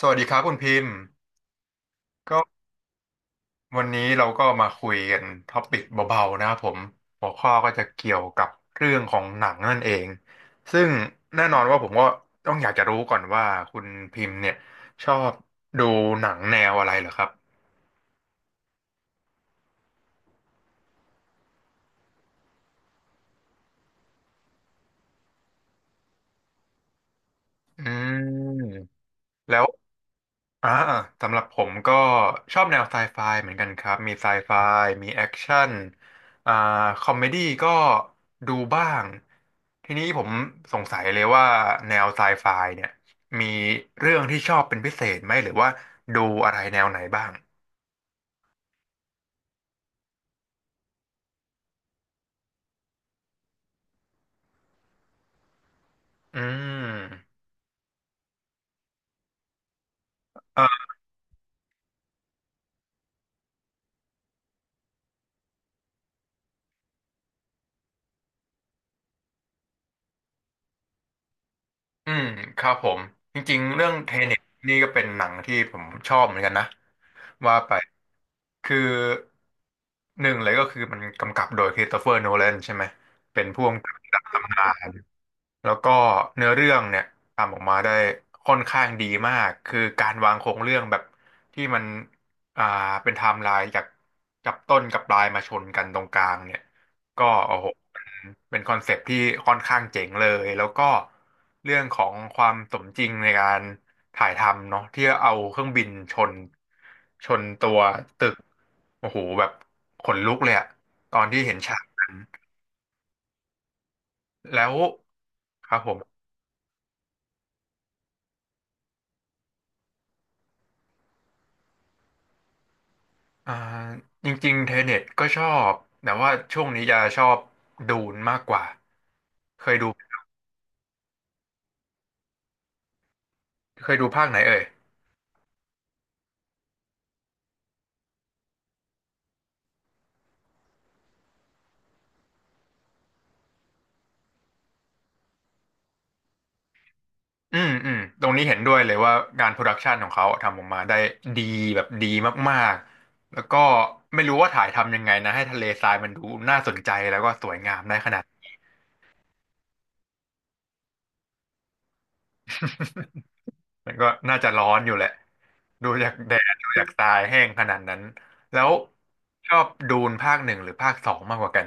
สวัสดีครับคุณพิมพ์ก็วันนี้เราก็มาคุยกันท็อปิกเบาๆนะครับผมหัวข้อก็จะเกี่ยวกับเรื่องของหนังนั่นเองซึ่งแน่นอนว่าผมก็ต้องอยากจะรู้ก่อนว่าคุณพิมพ์เนี่ยชอบดูหนังแนวอะไรเหรอครับอืมแล้ว อ่าสำหรับผมก็ชอบแนวไซไฟเหมือนกันครับมีไซไฟมีแอคชั่นอ่าคอมเมดี้ก็ดูบ้างทีนี้ผมสงสัยเลยว่าแนวไซไฟเนี่ยมีเรื่องที่ชอบเป็นพิเศษไหมหรือว่าดูอะไรแนวไหนบ้างอืม อืมครับผมจริงๆเรื่องเทเน็ตนี่ก็เป็นหนังที่ผมชอบเหมือนกันนะว่าไปคือหนึ่งเลยก็คือมันกำกับโดยคริสโตเฟอร์โนแลนใช่ไหมเป็นผู้กำกับระดับตำนาน แล้วก็เนื้อเรื่องเนี่ยทำออกมาได้ค่อนข้างดีมากคือการวางโครงเรื่องแบบที่มันอ่าเป็นไทม์ไลน์จากจับต้นกับปลายมาชนกันตรงกลางเนี่ยก็โอ้โหเป็นคอนเซปต์ที่ค่อนข้างเจ๋งเลยแล้วก็เรื่องของความสมจริงในการถ่ายทำเนาะที่เอาเครื่องบินชนตัวตึกโอ้โหแบบขนลุกเลยอะตอนที่เห็นฉากนั้นแล้วครับผม อ่าจริงๆเทเน็ตก็ชอบแต่ว่าช่วงนี้จะชอบดูนมากกว่าเคยดูเคยดูภาคไหนเอ่ยอืมอืมตรงนี้เห็นด้วยเลยว่างานโปรดักชันของเขาทำออกมาได้ดีแบบดีมากๆแล้วก็ไม่รู้ว่าถ่ายทำยังไงนะให้ทะเลทรายมันดูน่าสนใจแล้วก็สวยงามได้ขนาดมันก็น่าจะร้อนอยู่แหละดูจากแดดดูจากทรายแห้งขนาดนั้นแล้วชอบดูนภาคหนึ่งหรือภาคสองมากกว่ากัน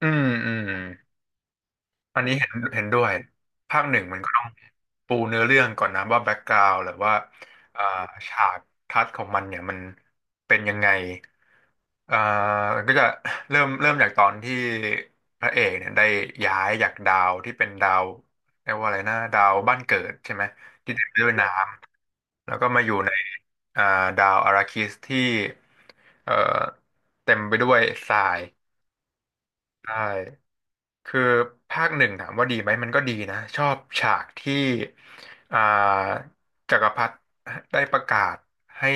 อืมอืม อันนี้เห็นด้วยภาคหนึ่งมันก็ต้องปูเนื้อเรื่องก่อนนะว่าแบ็กกราวด์หรือว่าเอ่อฉากทัศน์ของมันเนี่ยมันเป็นยังไงเอ่อก็จะเริ่มจากตอนที่พระเอกเนี่ยได้ย้ายจากดาวที่เป็นดาวเรียกว่าอะไรนะดาวบ้านเกิดใช่ไหมที่เต็มไปด้วยน้ำแล้วก็มาอยู่ในอ่าดาวอาราคิสที่เอ่อเต็มไปด้วยทรายใช่ คือภาคหนึ่งถามว่าดีไหมมันก็ดีนะชอบฉากที่อ่าจักรพรรดิได้ประกาศให้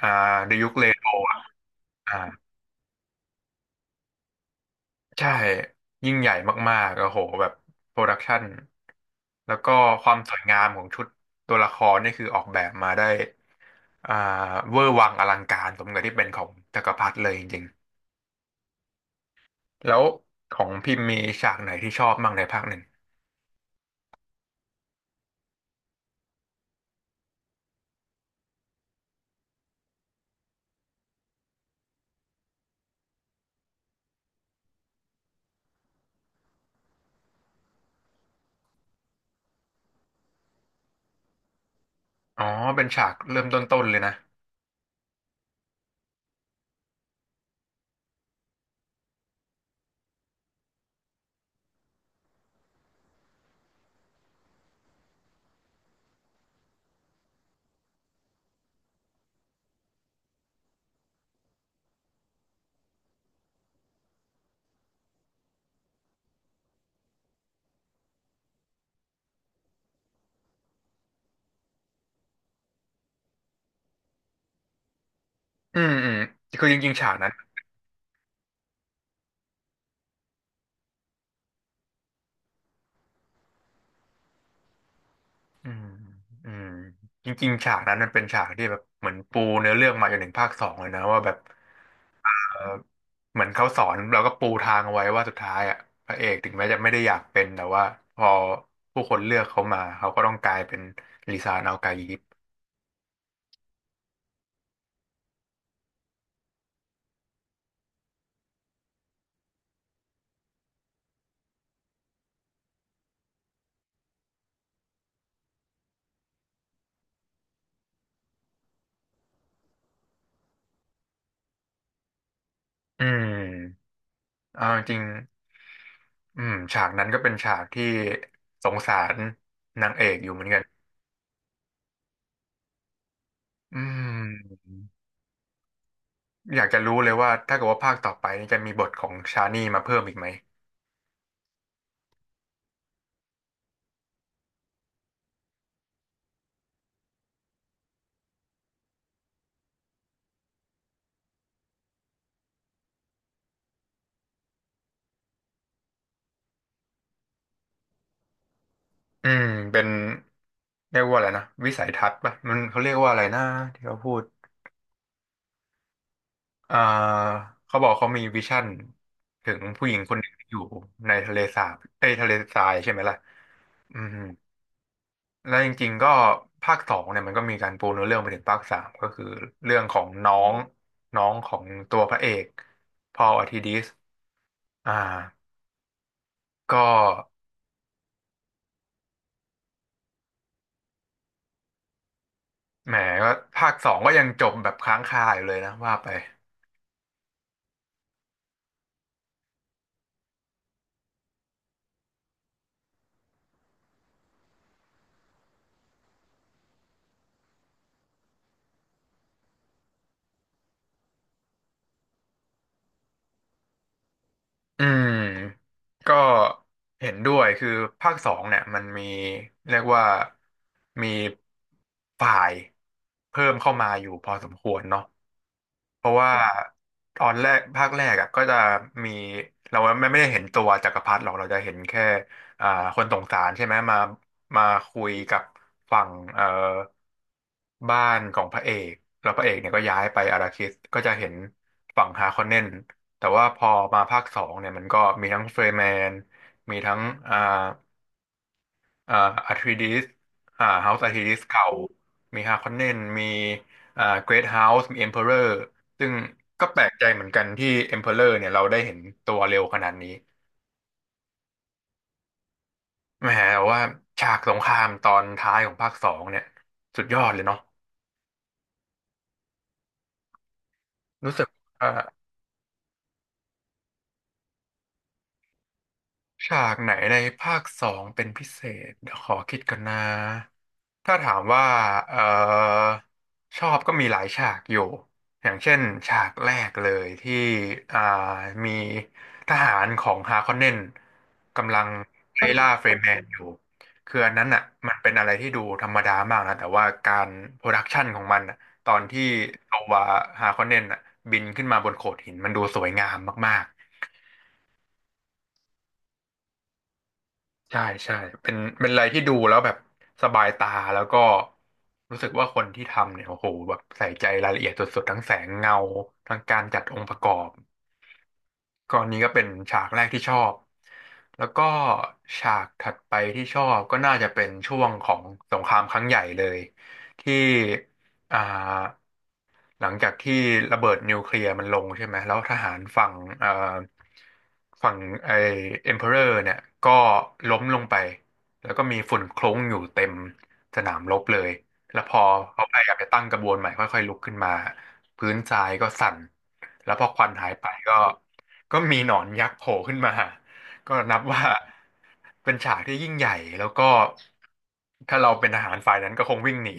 อ่าดยุคเลโนอ่าใช่ยิ่งใหญ่มากๆโอ้โหแบบโปรดักชันแล้วก็ความสวยงามของชุดตัวละครนี่คือออกแบบมาได้อ่าเวอร์วังอลังการสมกับที่เป็นของจักรพรรดิเลยจริงๆแล้วของพิมพ์มีฉากไหนที่ชอบบ้างในภาคหนึ่งอ๋อเป็นฉากเริ่มต้นๆเลยนะ อืมอืมคือจริงๆฉากนั้นอืมอืมจริงๆฉากนั้นมันเป็นฉากที่แบบเหมือนปูเนื้อเรื่องมาจนถึงภาคสองเลยนะว่าแบบเออเหมือนเขาสอนเราก็ปูทางเอาไว้ว่าสุดท้ายอ่ะพระเอกถึงแม้จะไม่ได้อยากเป็นแต่ว่าพอผู้คนเลือกเขามาเขาก็ต้องกลายเป็นลิซานาโกายิปอืมเอาจริงๆฉากนั้นก็เป็นฉากที่สงสารนางเอกอยู่เหมือนกันอืม อยากจะรู้เลยว่าถ้าเกิดว่าภาคต่อไปนี่จะมีบทของชานี่มาเพิ่มอีกไหมอืมเป็นเรียกว่าอะไรนะวิสัยทัศน์ป่ะมันเขาเรียกว่าอะไรนะที่เขาพูดอ่าเขาบอกเขามีวิชั่นถึงผู้หญิงคนหนึ่งที่อยู่ในทะเลสาบในทะเลทรายใช่ไหมล่ะ อืมแล้วจริงๆก็ภาคสองเนี่ยมันก็มีการปูเนื้อเรื่องไปถึงภาคสามก็คือเรื่องของน้องน้องของตัวพระเอกพอลอธิดิสอ่าก็ แหมก็ภาคสองก็ยังจบแบบค้างคาอยู่เลยนะว่าไปอืมก็เห็นด้วยคือภาคสองเนี่ยมันมีเรียกว่ามีฝ่ายเพิ่มเข้ามาอยู่พอสมควรเนาะ เพราะว่าตอนแรกภาคแรกอ่ะก็จะมีเราไม่ได้เห็นตัวจักรพรรดิหรอกเราจะเห็นแค่อ่าคนสงสารใช่ไหมมาคุยกับฝั่งบ้านของพระเอกแล้วพระเอกเนี่ยก็ย้ายไปอาราคิสก็จะเห็นฝั่งฮาคอนเนนแต่ว่าพอมาภาคสองเนี่ยมันก็มีทั้งเฟรย์แมนมีทั้งอ่า อ่าอาร์ทิดิสเฮาส์อาร์ทิดิสเก่ามีฮาคอนเนนมีเกรทเฮาส์มีเอ็มเพอเรอร์ซึ่งก็แปลกใจเหมือนกันที่เอ็มเพอเรอร์เนี่ยเราได้เห็นตัวเร็วขนาดนี้แหมแต่ว่าฉากสงครามตอนท้ายของภาคสองเนี่ยสุดยอดเลยเนาะรู้สึกว่า ฉากไหนในภาคสองเป็นพิเศษเดี๋ยวขอคิดกันนะถ้าถามว่าเอ่อชอบก็มีหลายฉากอยู่อย่างเช่นฉากแรกเลยที่อ่ามีทหารของฮาคอนเนนกำลังไล่ล่าเฟรแมนอยู่คืออันนั้นอ่ะมันเป็นอะไรที่ดูธรรมดามากนะแต่ว่าการโปรดักชันของมันน่ะตอนที่ตัวฮาคอนเนนอ่ะบินขึ้นมาบนโขดหินมันดูสวยงามมากๆ ใช่ใช่เป็นอะไรที่ดูแล้วแบบสบายตาแล้วก็รู้สึกว่าคนที่ทำเนี่ยโอ้โหแบบใส่ใจรายละเอียดสุดๆทั้งแสงเงาทั้งการจัดองค์ประกอบก็อันนี้ก็เป็นฉากแรกที่ชอบแล้วก็ฉากถัดไปที่ชอบก็น่าจะเป็นช่วงของสงครามครั้งใหญ่เลยที่อ่า หลังจากที่ระเบิดนิวเคลียร์มันลงใช่ไหมแล้วทหารฝั่งเอ่อฝั่งไอ้เอ็มเพอเรอร์เนี่ยก็ล้มลงไป แล้วก็มีฝุ่นคลุ้งอยู่เต็มสนามรบเลย แล้วพอเขาพยายามจะตั้งกระบวนใหม่ค่อยๆลุกขึ้นมาพื้นทรายก็สั่น แล้วพอควันหายไปก็มีหนอนยักษ์โผล่ขึ้นมา ก็นับว่าเป็นฉากที่ยิ่งใหญ่ แล้วก็ถ้าเราเป็นทหารฝ่ายนั้นก็คงวิ่งหนี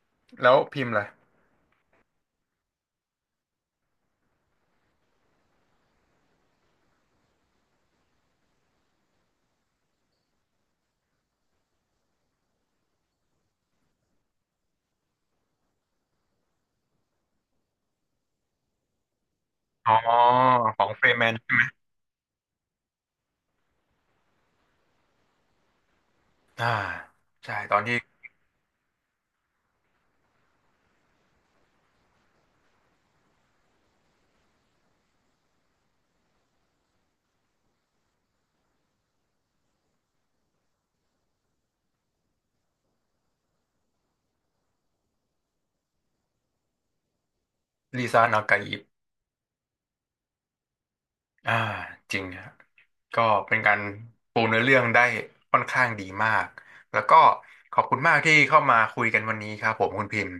แล้วพิมพ์ล่ะ อ๋อของเฟรแมนอ่าใช่ตอนที่ลิซ่านากาอิบอ่าจริงฮะก็เป็นการปูเนื้อเรื่องได้ค่อนข้างดีมากแล้วก็ขอบคุณมากที่เข้ามาคุยกันวันนี้ครับผมคุณพิมพ์